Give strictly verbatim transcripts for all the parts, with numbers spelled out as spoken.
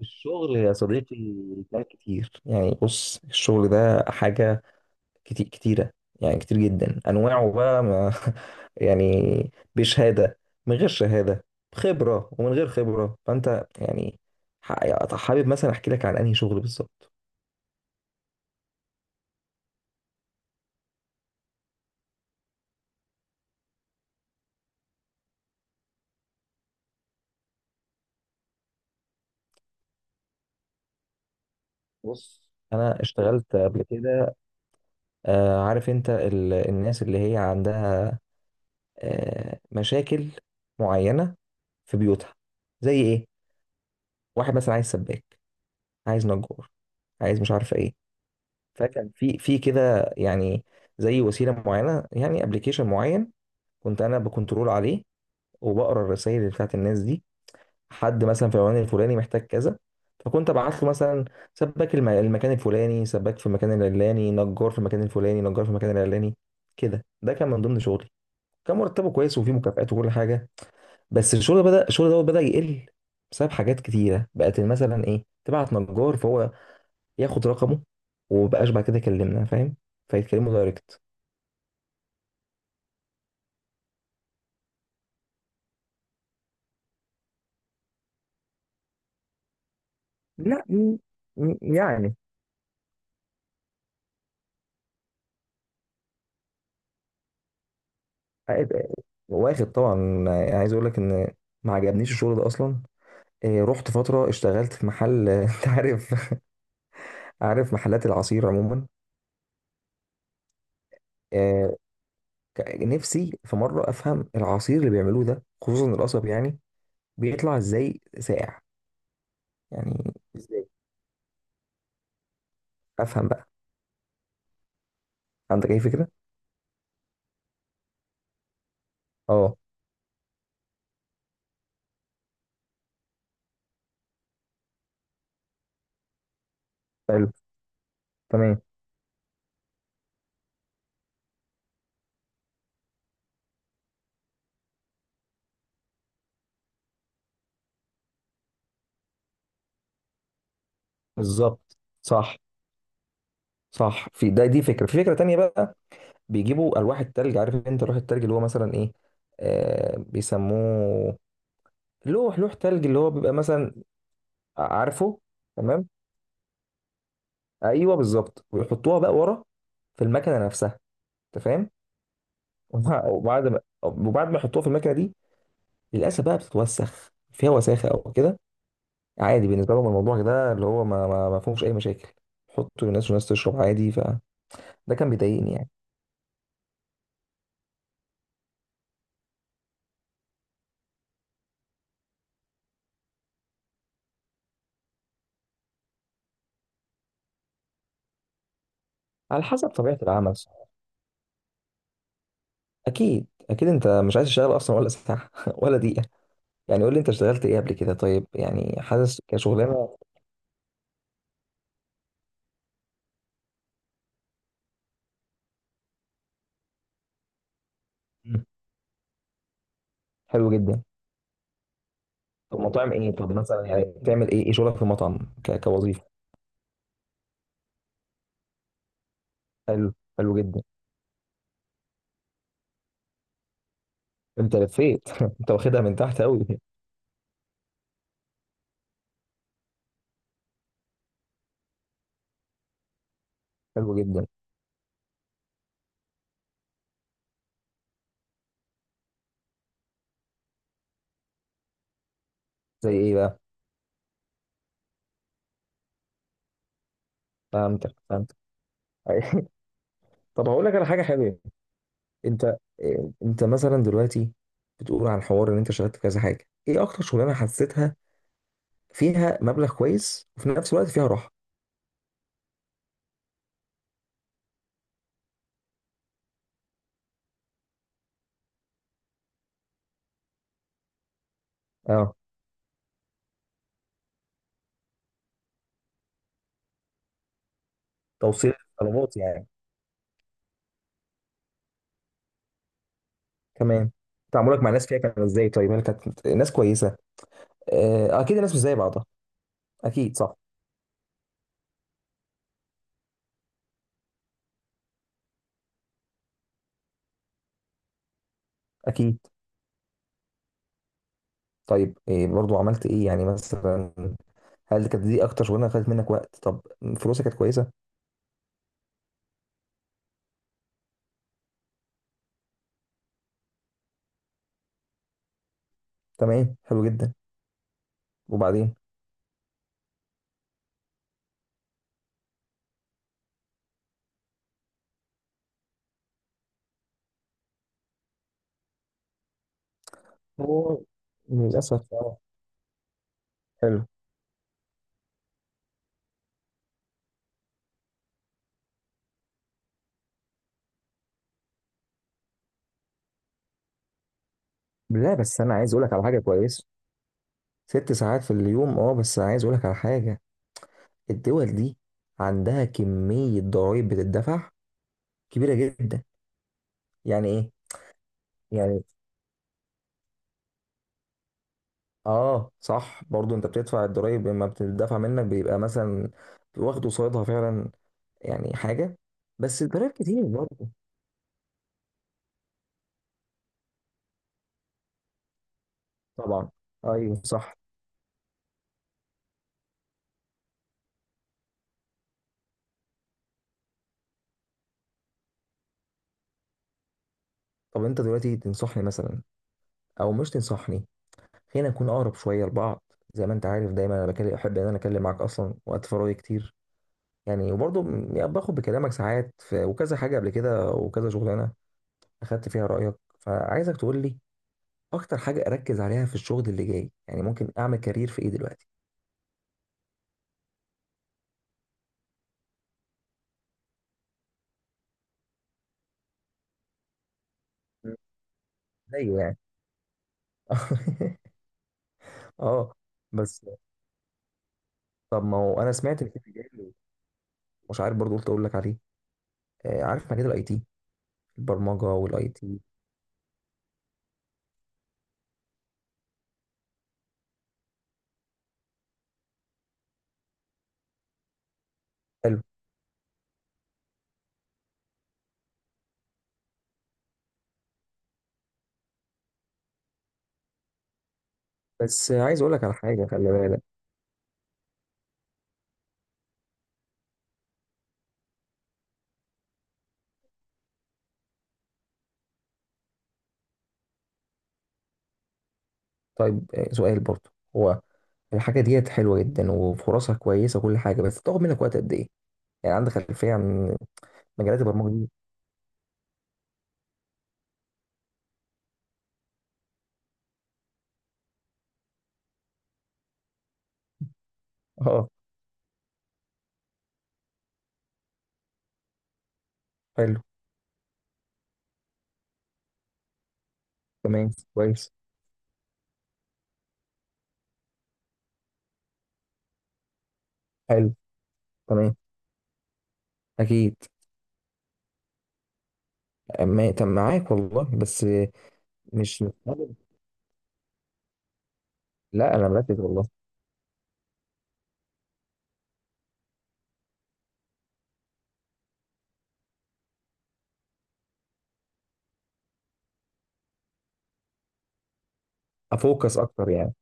الشغل يا صديقي ده كتير يعني بص الشغل ده حاجة كتير كتيرة. يعني كتير جدا أنواعه بقى ما يعني بشهادة من غير شهادة، بخبرة ومن غير خبرة. فأنت يعني ح- يعني حابب مثلا أحكي لك عن أنهي شغل بالظبط. بص أنا اشتغلت قبل كده. آه، عارف أنت ال- الناس اللي هي عندها آه، مشاكل معينة في بيوتها. زي إيه؟ واحد مثلا عايز سباك، عايز نجار، عايز مش عارف إيه. فكان في في كده يعني، زي وسيله معينه، يعني ابلكيشن معين كنت انا بكنترول عليه، وبقرا الرسائل بتاعت الناس دي. حد مثلا في العنوان الفلاني محتاج كذا، فكنت ابعت له مثلا سباك، الم- المكان الفلاني سباك، في المكان العلاني نجار، في المكان الفلاني نجار، في المكان العلاني. كده ده كان من ضمن شغلي. كان مرتبه كويس وفيه مكافآت وكل حاجه. بس الشغل بدا، الشغل دوت بدا يقل، بسبب حاجات كتيره بقت. مثلا ايه، تبعت نجار فهو ياخد رقمه ومبقاش بعد كده يكلمنا، فاهم؟ فيتكلموا دايركت. لا م- م- يعني واخد طبعا. يعني عايز اقول لك ان ما عجبنيش الشغل ده اصلا. إيه، رحت فتره اشتغلت في محل انت عارف؟ عارف محلات العصير عموما. إيه، ك- نفسي في مره افهم العصير اللي بيعملوه ده، خصوصا القصب، يعني بيطلع ازاي ساقع؟ يعني ازاي؟ افهم بقى. عندك اي فكره؟ اه حلو. تمام بالظبط صح. صح في ده، دي فكره، في فكره تانية بقى. بيجيبوا الواح التلج. عارف انت لوح التلج اللي هو مثلا ايه؟ آه بيسموه لوح لوح تلج، اللي هو بيبقى مثلا، عارفه؟ تمام. ايوه بالظبط. ويحطوها بقى ورا في المكنه نفسها. انت فاهم؟ وبع- وبعد ما وبعد ما يحطوها في المكنه دي، للاسف بقى بتتوسخ فيها، وساخه او كده. عادي بالنسبه لهم الموضوع ده، اللي هو ما ما ما فيهوش اي مشاكل. حطوا للناس والناس تشرب عادي. فده كان بيضايقني يعني. على حسب طبيعه العمل صح. اكيد اكيد انت مش عايز تشتغل اصلا ولا ساعه ولا دقيقه. يعني قول لي انت اشتغلت ايه قبل كده طيب؟ يعني حاسس كشغلانه. مم. حلو جدا. طب مطاعم ايه؟ طب مثلا يعني بتعمل ايه، ايه شغلك في مطعم ك... كوظيفه؟ حلو حلو جدا. انت لفيت انت واخدها من تحت قوي. حلو جدا. زي ايه بقى؟ فهمتك فهمتك. طب هقول لك على حاجه حلوه. انت، اه، انت مثلا دلوقتي بتقول عن حوار ان انت اشتغلت في كذا حاجه، ايه اكتر شغلانه حسيتها فيها مبلغ كويس وفي نفس الوقت فيها راحه؟ اه. توصيل طلبات يعني. تمام. تعاملك مع الناس فيها كان ازاي طيب؟ هل كانت ناس كويسه؟ آه، اكيد الناس مش زي بعضها. اكيد صح. اكيد. طيب إيه برضو، عملت ايه يعني مثلا؟ هل كانت دي اكتر شغلانه خدت منك وقت؟ طب فلوسك كانت كويسه؟ تمام حلو جدا. وبعدين؟ هو للاسف اه. حلو. لا بس انا عايز اقولك على حاجه كويسه. ست ساعات في اليوم اه، بس عايز اقولك على حاجه. الدول دي عندها كميه ضرائب بتدفع كبيره جدا. يعني ايه يعني؟ اه صح، برضو انت بتدفع الضرايب، لما بتدفع منك بيبقى مثلا واخد قصادها فعلا يعني حاجه. بس الضرايب كتير برضو. طبعا. ايوه صح. طب انت دلوقتي تنصحني مثلا او مش تنصحني؟ خلينا نكون اقرب شويه لبعض. زي ما انت عارف، دايما انا بكلم احب ان انا اكلم معاك اصلا، وقت فراغي كتير يعني. وبرضو م- باخد بكلامك ساعات، في وكذا حاجه قبل كده وكذا شغلانه اخدت فيها رايك. فعايزك تقول لي اكتر حاجه اركز عليها في الشغل اللي جاي. يعني ممكن اعمل كارير في ايه دلوقتي؟ زي يعني اه بس. طب ما هو انا سمعت ان في مجال، مش عارف برضو، قلت اقول لك عليه. آه، عارف مجال الآي تي؟ البرمجه والاي تي. حلو. بس آه، عايز اقول لك على حاجه، خلي بالك. طيب آه، سؤال برضو. هو الحاجه ديت حلوه جدا وفرصها كويسه وكل حاجه، بس بتاخد منك وقت قد ايه؟ يعني عندك خلفيه عن مجالات البرمجه دي؟ اه حلو. تمام كويس. حلو. تمام. اكيد. أما- تم معاك والله. بس آه، مش مش- قادر. لا انا مركز والله. افوكس اكتر يعني.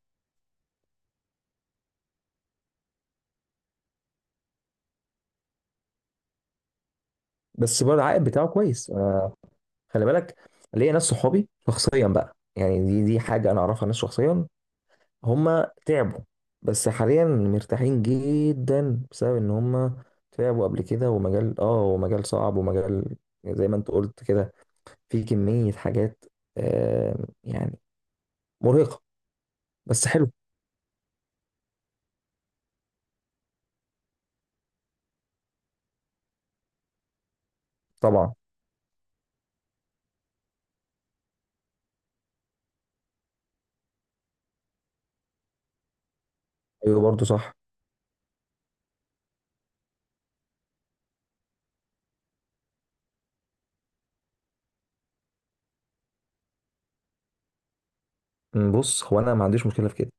بس برضه العائد بتاعه كويس آه، خلي بالك. ليا ناس صحابي شخصيا بقى، يعني دي دي حاجه انا اعرفها، ناس شخصيا هم تعبوا، بس حاليا مرتاحين جدا بسبب ان هم تعبوا قبل كده. ومجال اه، ومجال صعب، ومجال زي ما انت قلت كده، في كميه حاجات آه، يعني مرهقه. بس حلو. طبعا. ايوه برضه صح. أمم، بص هو انا ما عنديش مشكله في كده،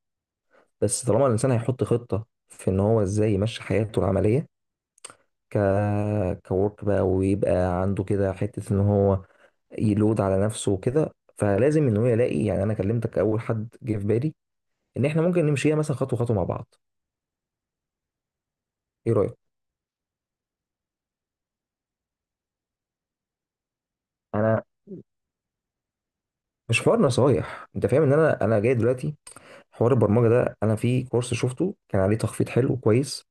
بس طالما الانسان هيحط خطه في ان هو ازاي يمشي حياته العمليه، ك كورك بقى، ويبقى عنده كده حتة ان هو يلود على نفسه وكده. فلازم ان هو يلاقي، يعني انا كلمتك اول حد جه في بالي ان احنا ممكن نمشيها مثلا خطوة خطوة مع بعض. ايه رأيك؟ انا مش حوار نصايح، انت فاهم ان انا، انا جاي دلوقتي حوار البرمجة ده. انا في كورس شفته كان عليه تخفيض حلو كويس،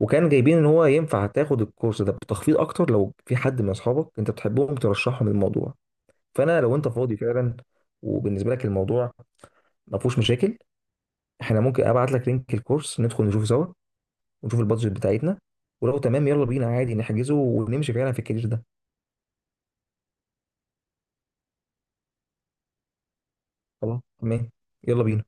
وكان جايبين ان هو ينفع تاخد الكورس ده بتخفيض اكتر لو في حد من اصحابك انت بتحبهم ترشحهم الموضوع. فانا لو انت فاضي فعلا، وبالنسبة لك الموضوع ما فيهوش مشاكل، احنا ممكن ابعت لك لينك الكورس، ندخل نشوف سوا، ونشوف البادجت بتاعتنا، ولو تمام يلا بينا عادي نحجزه ونمشي فعلا في الكارير ده. خلاص تمام. يلا بينا.